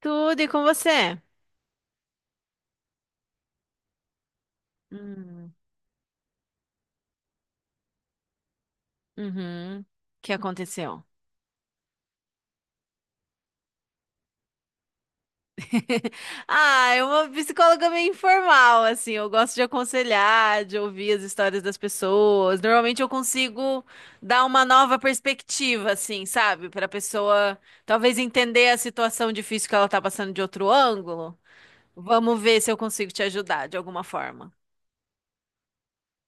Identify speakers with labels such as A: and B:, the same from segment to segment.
A: Tudo e com você? Hum, Uhum. O que aconteceu? Ah, é uma psicóloga meio informal, assim. Eu gosto de aconselhar, de ouvir as histórias das pessoas. Normalmente eu consigo dar uma nova perspectiva, assim, sabe? Para a pessoa talvez entender a situação difícil que ela tá passando de outro ângulo. Vamos ver se eu consigo te ajudar de alguma forma.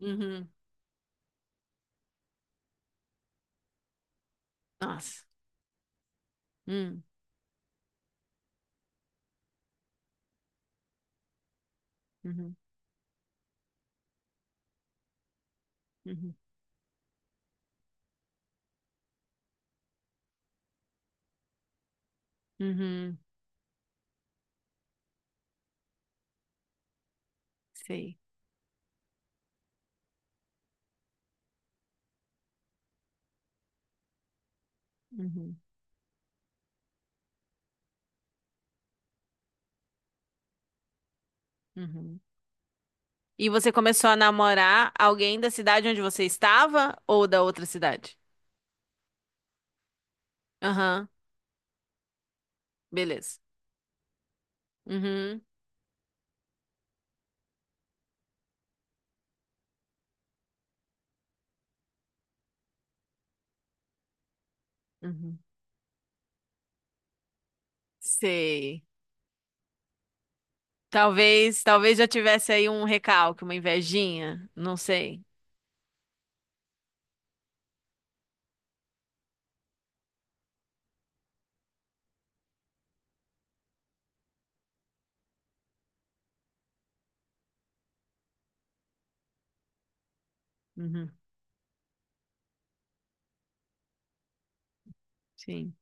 A: Uhum. Nossa. Hum. Uhum. Uhum. Uhum. Sei. Uhum. Uhum. E você começou a namorar alguém da cidade onde você estava ou da outra cidade? Aham, beleza. Uhum, uhum. Sei. Talvez já tivesse aí um recalque, uma invejinha, não sei. Uhum, sim.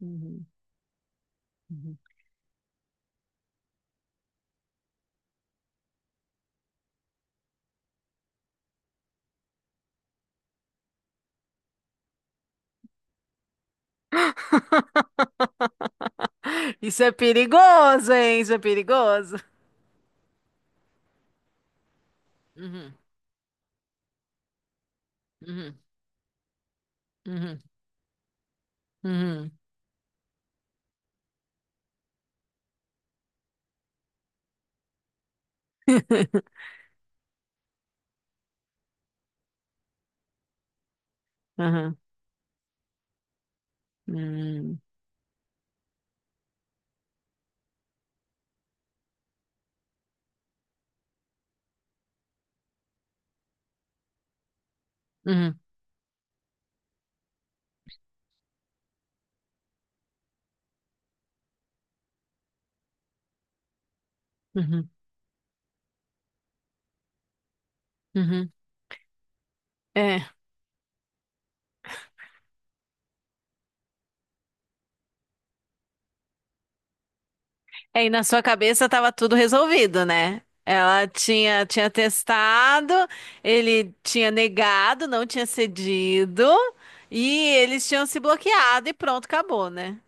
A: Uhum, uhum. Isso é perigoso, hein? Isso é perigoso. Uhum, uhum, uhum, uhum. Aham, uhum, uhum, uhum, uhum. É. Aí na sua cabeça estava tudo resolvido, né? Ela tinha testado, ele tinha negado, não tinha cedido, e eles tinham se bloqueado e pronto, acabou, né?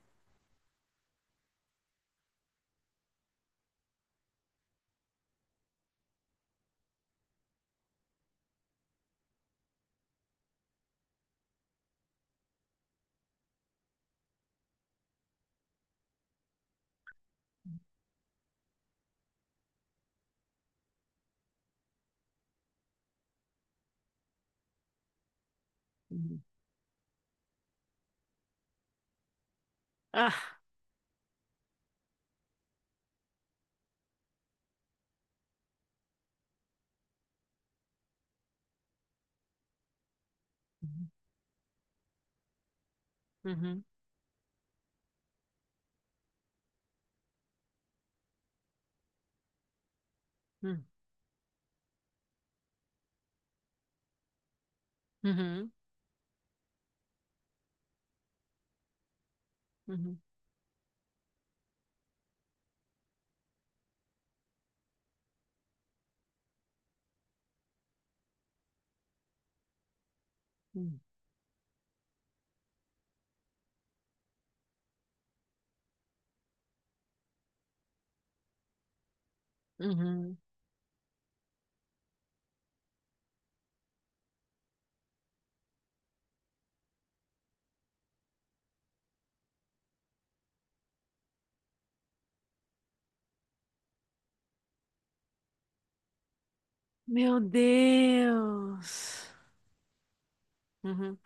A: Uhum. Ah. Uhum, uhum, uhum, uhum, uhum, uhum. Meu Deus. Uhum,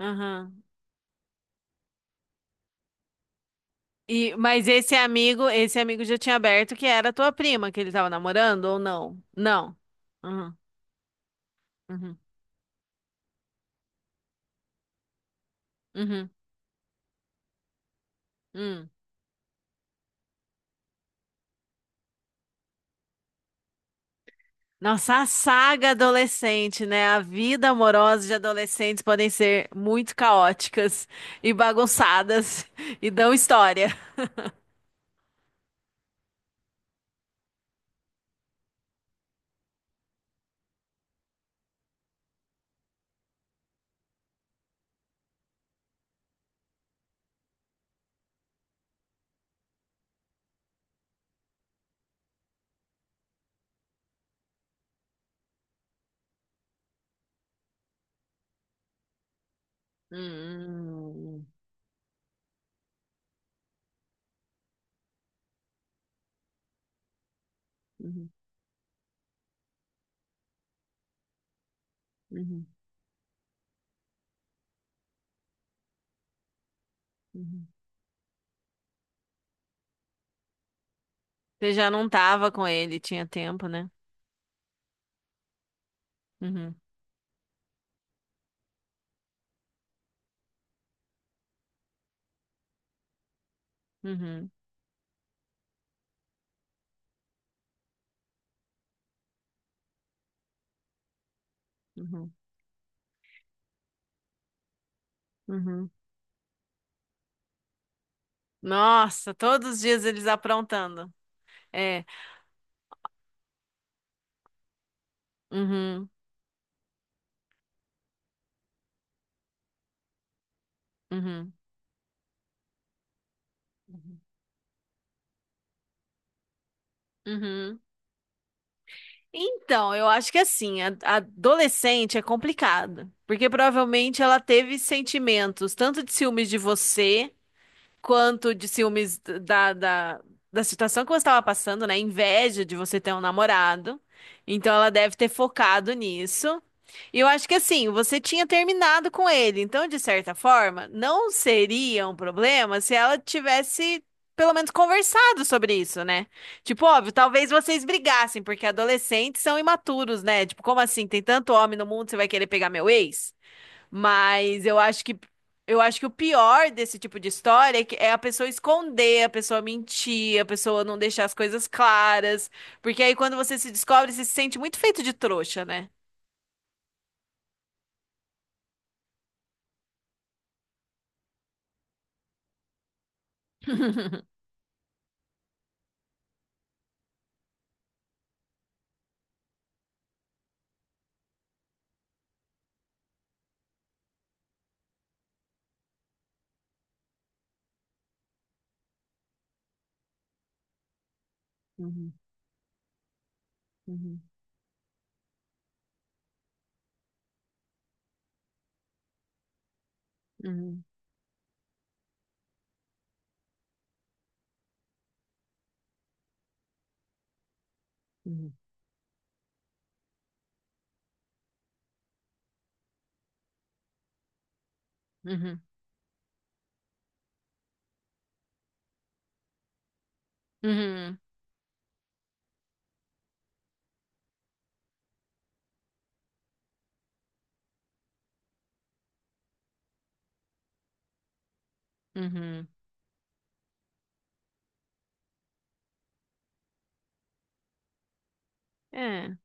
A: uhum. E, mas esse amigo já tinha aberto que era tua prima que ele tava namorando ou não? Não. Uhum, uhum, uhum, uhum. Nossa, a saga adolescente, né? A vida amorosa de adolescentes podem ser muito caóticas e bagunçadas e dão história. Hum, uhum, uhum, uhum. Você já não tava com ele, tinha tempo, né? Uhum, uhum, uhum, uhum. Nossa, todos os dias eles aprontando. É. Uhum, uhum, uhum. Então, eu acho que assim, a adolescente é complicado, porque provavelmente ela teve sentimentos tanto de ciúmes de você, quanto de ciúmes da situação que você estava passando, né? Inveja de você ter um namorado. Então ela deve ter focado nisso. E eu acho que assim, você tinha terminado com ele. Então, de certa forma, não seria um problema se ela tivesse. Pelo menos conversado sobre isso, né? Tipo, óbvio, talvez vocês brigassem, porque adolescentes são imaturos, né? Tipo, como assim? Tem tanto homem no mundo, você vai querer pegar meu ex? Mas eu acho que o pior desse tipo de história é que é a pessoa esconder, a pessoa mentir, a pessoa não deixar as coisas claras, porque aí quando você se descobre, você se sente muito feito de trouxa, né? Uhum, uhum, uhum, uhum, uhum, uhum, uhum. É.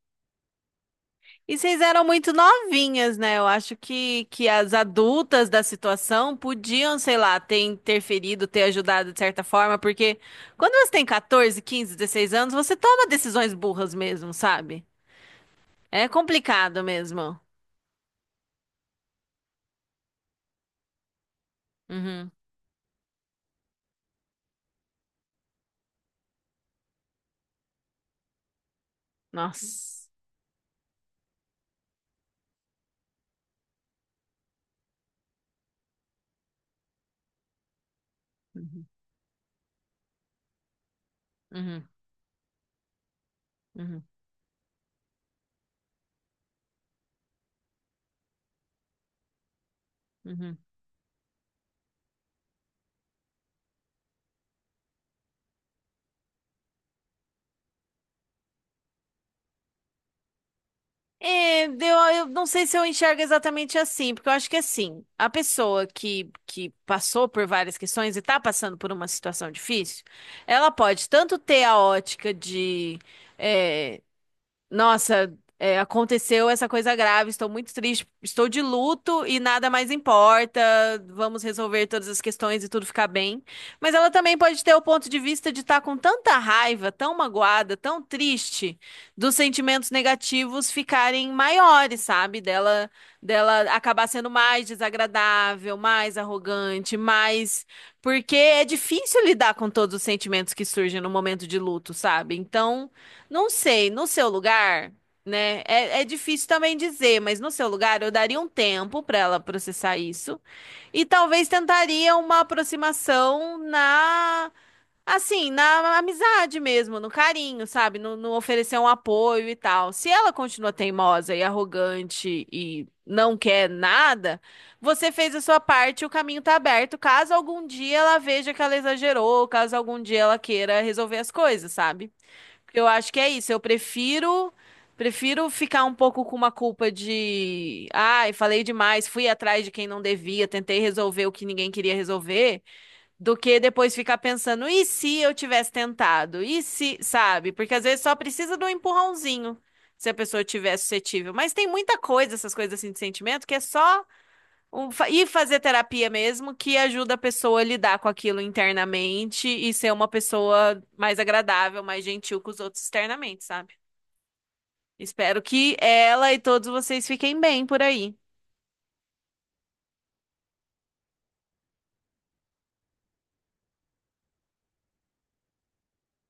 A: E vocês eram muito novinhas, né? Eu acho que as adultas da situação podiam, sei lá, ter interferido, ter ajudado de certa forma, porque quando você tem 14, 15, 16 anos, você toma decisões burras mesmo, sabe? É complicado mesmo. Uhum. Nossa. Uhum. Uhum. Uhum. Uhum. É, eu não sei se eu enxergo exatamente assim, porque eu acho que assim, a pessoa que passou por várias questões e tá passando por uma situação difícil, ela pode tanto ter a ótica de, eh, nossa, é, aconteceu essa coisa grave, estou muito triste, estou de luto e nada mais importa. Vamos resolver todas as questões e tudo ficar bem. Mas ela também pode ter o ponto de vista de estar com tanta raiva, tão magoada, tão triste, dos sentimentos negativos ficarem maiores, sabe? Dela acabar sendo mais desagradável, mais arrogante, mais. Porque é difícil lidar com todos os sentimentos que surgem no momento de luto, sabe? Então. Não sei, no seu lugar, né? É, é difícil também dizer, mas no seu lugar eu daria um tempo para ela processar isso e talvez tentaria uma aproximação assim, na amizade mesmo, no carinho, sabe? No oferecer um apoio e tal. Se ela continua teimosa e arrogante e não quer nada, você fez a sua parte, o caminho tá aberto, caso algum dia ela veja que ela exagerou, caso algum dia ela queira resolver as coisas, sabe? Porque eu acho que é isso. Eu prefiro ficar um pouco com uma culpa de, ai, falei demais, fui atrás de quem não devia, tentei resolver o que ninguém queria resolver, do que depois ficar pensando, e se eu tivesse tentado? E se, sabe? Porque às vezes só precisa de um empurrãozinho, se a pessoa tiver suscetível. Mas tem muita coisa, essas coisas assim de sentimento, que é só fazer terapia mesmo, que ajuda a pessoa a lidar com aquilo internamente e ser uma pessoa mais agradável, mais gentil com os outros externamente, sabe? Espero que ela e todos vocês fiquem bem por aí.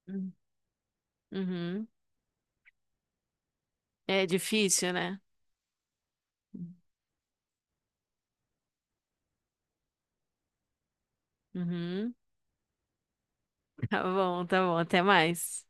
A: Hum. Uhum. É difícil, né? Uhum. Tá bom, tá bom. Até mais.